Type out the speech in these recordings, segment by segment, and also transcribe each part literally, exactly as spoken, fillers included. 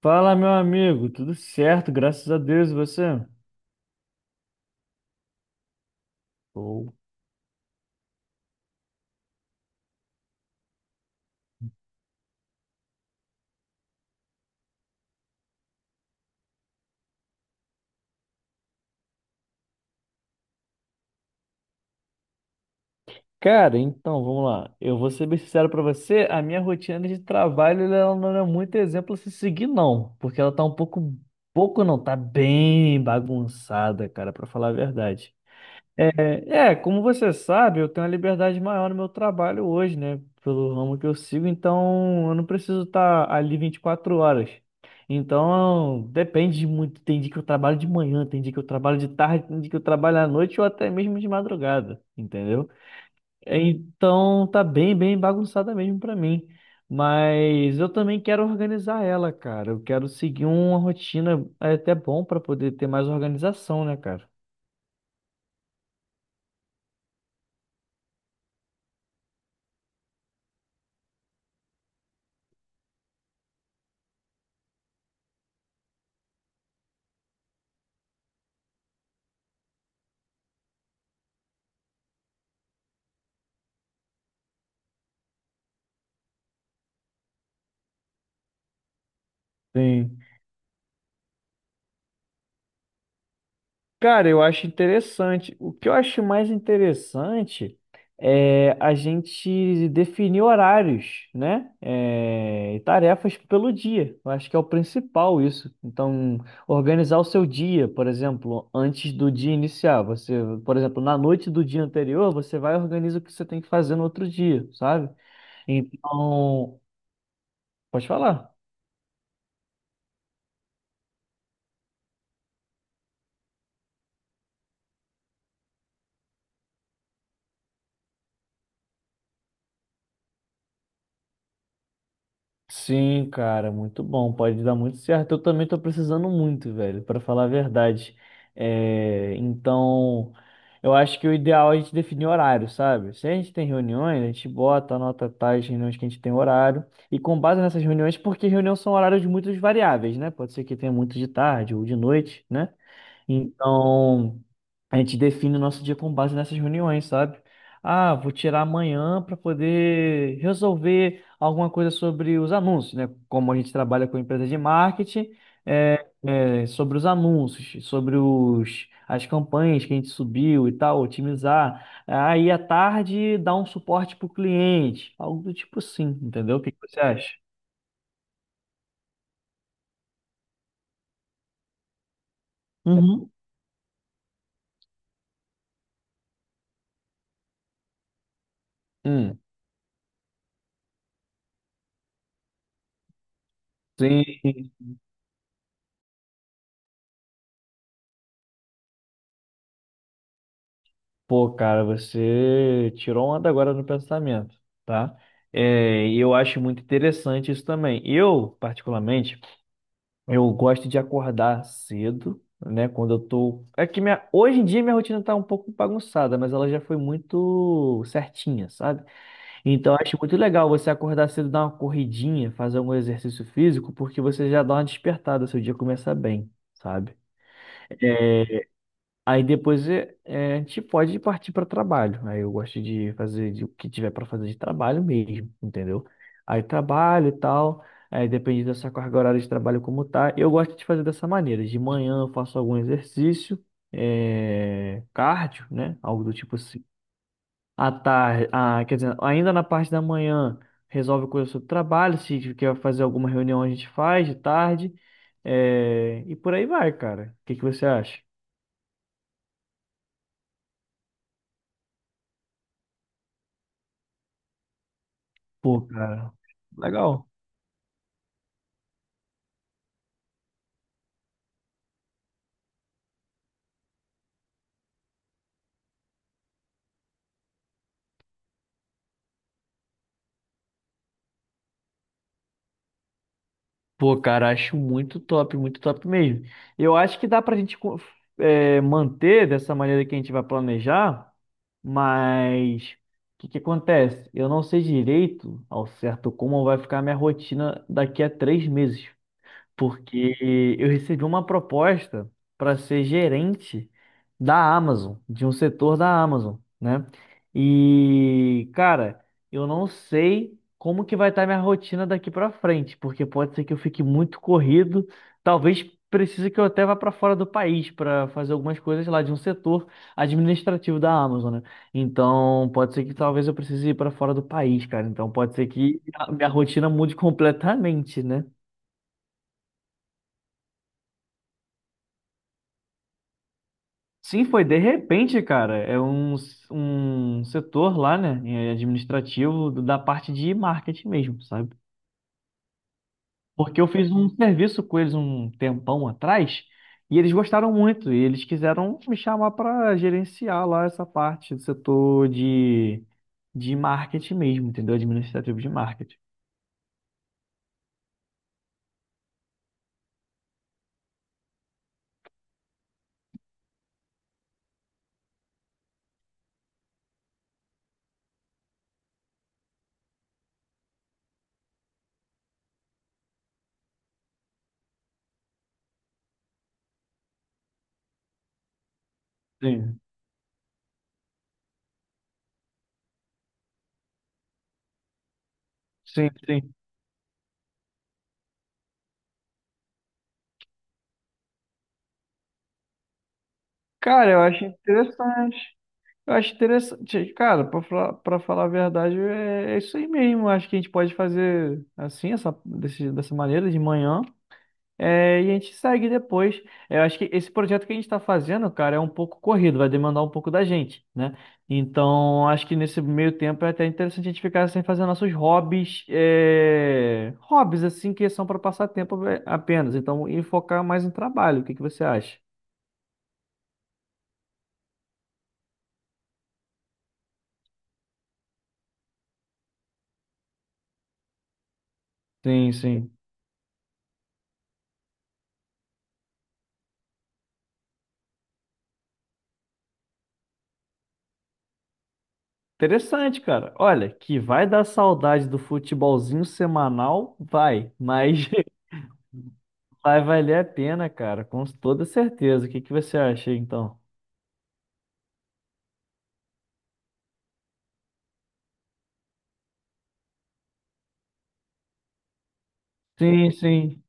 Fala, meu amigo, tudo certo, graças a Deus, e você? Ou- Cara, então, vamos lá. Eu vou ser bem sincero pra você, a minha rotina de trabalho ela não é muito exemplo a se seguir, não, porque ela tá um pouco, pouco não, tá bem bagunçada, cara, pra falar a verdade. É, é, como você sabe, eu tenho uma liberdade maior no meu trabalho hoje, né? Pelo ramo que eu sigo, então eu não preciso estar ali vinte e quatro horas. Então, depende de muito. Tem dia que eu trabalho de manhã, tem dia que eu trabalho de tarde, tem dia que eu trabalho à noite ou até mesmo de madrugada, entendeu? Então, tá bem, bem bagunçada mesmo pra mim. Mas eu também quero organizar ela, cara. Eu quero seguir uma rotina é até bom pra poder ter mais organização, né, cara? Sim. Cara, eu acho interessante. O que eu acho mais interessante é a gente definir horários, né? É, e tarefas pelo dia. Eu acho que é o principal isso. Então, organizar o seu dia, por exemplo, antes do dia iniciar. Você, por exemplo, na noite do dia anterior, você vai e organiza o que você tem que fazer no outro dia, sabe? Então, pode falar. Sim, cara, muito bom. Pode dar muito certo. Eu também tô precisando muito, velho, pra falar a verdade. É, então, eu acho que o ideal é a gente definir horário, sabe? Se a gente tem reuniões, a gente bota, anota tais reuniões que a gente tem horário. E com base nessas reuniões, porque reuniões são horários muito variáveis, né? Pode ser que tenha muito de tarde ou de noite, né? Então, a gente define o nosso dia com base nessas reuniões, sabe? Ah, vou tirar amanhã para poder resolver alguma coisa sobre os anúncios, né? Como a gente trabalha com empresa de marketing, é, é, sobre os anúncios, sobre os, as campanhas que a gente subiu e tal, otimizar. Aí à tarde dá um suporte para o cliente, algo do tipo assim, entendeu? O que que você acha? Uhum. Hum, sim. Pô, cara, você tirou onda agora no pensamento, tá? É, e eu acho muito interessante isso também. Eu, particularmente, eu gosto de acordar cedo, né? Quando eu tô. É que minha... hoje em dia minha rotina tá um pouco bagunçada, mas ela já foi muito certinha, sabe? Então eu acho muito legal você acordar cedo, dar uma corridinha, fazer algum exercício físico, porque você já dá uma despertada, seu dia começa bem, sabe? Aí depois é, é, a gente pode partir para trabalho. Aí eu gosto de fazer de- o que tiver para fazer de trabalho mesmo, entendeu? Aí trabalho e tal. Aí depende dessa carga horária de trabalho como tá. Eu gosto de fazer dessa maneira. De manhã eu faço algum exercício, é, cardio, né? Algo do tipo assim. À tarde, ah, quer dizer, ainda na parte da manhã resolve coisa sobre trabalho. Se quer fazer alguma reunião a gente faz de tarde. É, e por aí vai, cara. O que que você acha? Pô, cara, legal. Pô, cara, acho muito top, muito top mesmo. Eu acho que dá pra gente co- é, manter dessa maneira que a gente vai planejar, mas o que que acontece? Eu não sei direito ao certo como vai ficar a minha rotina daqui a três meses. Porque eu recebi uma proposta para ser gerente da Amazon, de um setor da Amazon, né? E, cara, eu não sei como que vai estar minha rotina daqui para frente, porque pode ser que eu fique muito corrido, talvez precise que eu até vá para fora do país para fazer algumas coisas lá de um setor administrativo da Amazon, né? Então, pode ser que talvez eu precise ir para fora do país, cara. Então, pode ser que a minha rotina mude completamente, né? Sim, foi de repente, cara. É um, um setor lá, né, é administrativo da parte de marketing mesmo, sabe? Porque eu fiz um serviço com eles um tempão atrás e eles gostaram muito e eles quiseram me chamar para gerenciar lá essa parte do setor de, de marketing mesmo, entendeu? Administrativo de marketing. Sim, sim, sim. Cara, eu acho interessante. Eu acho interessante. Cara, pra falar, pra falar a verdade, é, é isso aí mesmo. Acho que a gente pode fazer assim, essa, desse- dessa maneira, de manhã. É, e a gente segue depois. É, eu acho que esse projeto que a gente está fazendo, cara, é um pouco corrido, vai demandar um pouco da gente, né? Então, acho que nesse meio tempo é até interessante a gente ficar sem fazer nossos hobbies, é, hobbies assim que são para passar tempo é, apenas. Então, e focar mais em trabalho. O que que você acha? Sim, sim. Interessante, cara. Olha, que vai dar saudade do futebolzinho semanal, vai. Mas vai valer a pena, cara, com toda certeza. O que que você acha, então? Sim, sim.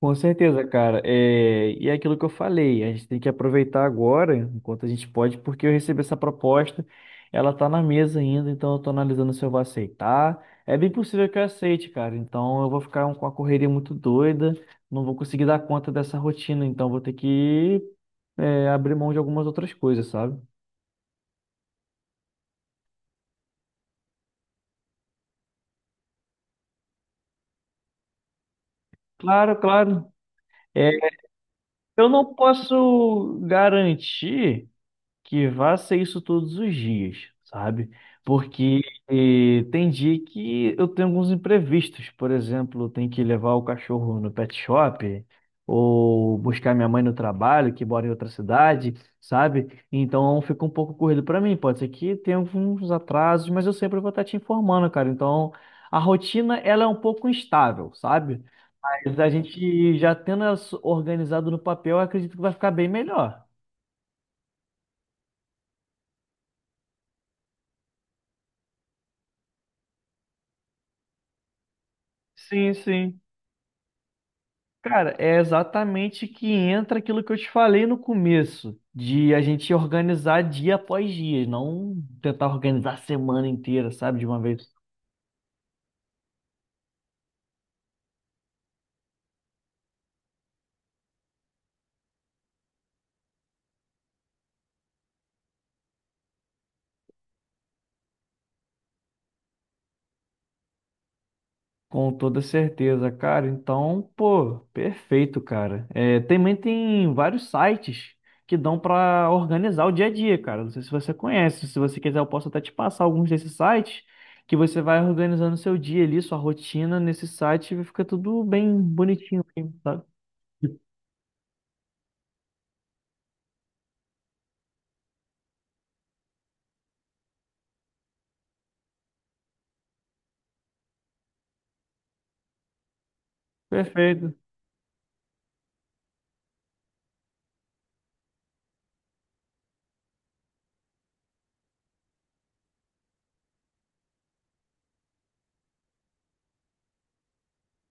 Com certeza, cara. É, e é aquilo que eu falei, a gente tem que aproveitar agora, enquanto a gente pode, porque eu recebi essa proposta, ela tá na mesa ainda, então eu tô analisando se eu vou aceitar. É bem possível que eu aceite, cara. Então eu vou ficar com uma correria muito doida, não vou conseguir dar conta dessa rotina, então vou ter que, é, abrir mão de algumas outras coisas, sabe? Claro, claro. É, eu não posso garantir que vá ser isso todos os dias, sabe? Porque eh, tem dia que eu tenho alguns imprevistos. Por exemplo, eu tenho que levar o cachorro no pet shop ou buscar minha mãe no trabalho, que mora em outra cidade, sabe? Então fica um pouco corrido para mim. Pode ser que tenha alguns atrasos, mas eu sempre vou estar te informando, cara. Então a rotina ela é um pouco instável, sabe? Mas a gente já tendo ela organizado no papel, eu acredito que vai ficar bem melhor. Sim, sim. Cara, é exatamente que entra aquilo que eu te falei no começo, de a gente organizar dia após dia, não tentar organizar a semana inteira, sabe, de uma vez. Com toda certeza, cara. Então, pô, perfeito, cara. É, também tem vários sites que dão pra organizar o dia a dia, cara. Não sei se você conhece, se você quiser, eu posso até te passar alguns desses sites que você vai organizando seu dia ali, sua rotina nesse site e fica tudo bem bonitinho, assim, sabe? Perfeito.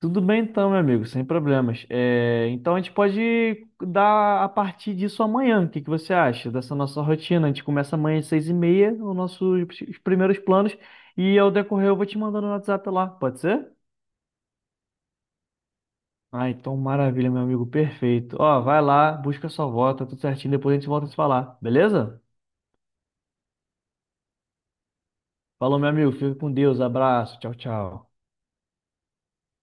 Tudo bem então, meu amigo, sem problemas. É, então a gente pode dar a partir disso amanhã. O que que você acha dessa nossa rotina? A gente começa amanhã às seis e meia, os nossos os primeiros planos, e ao decorrer eu vou te mandando no WhatsApp lá, pode ser? Ah, então maravilha, meu amigo, perfeito. Ó, vai lá, busca sua volta, tudo certinho, depois a gente volta a se falar, beleza? Falou, meu amigo, fica com Deus, abraço, tchau, tchau.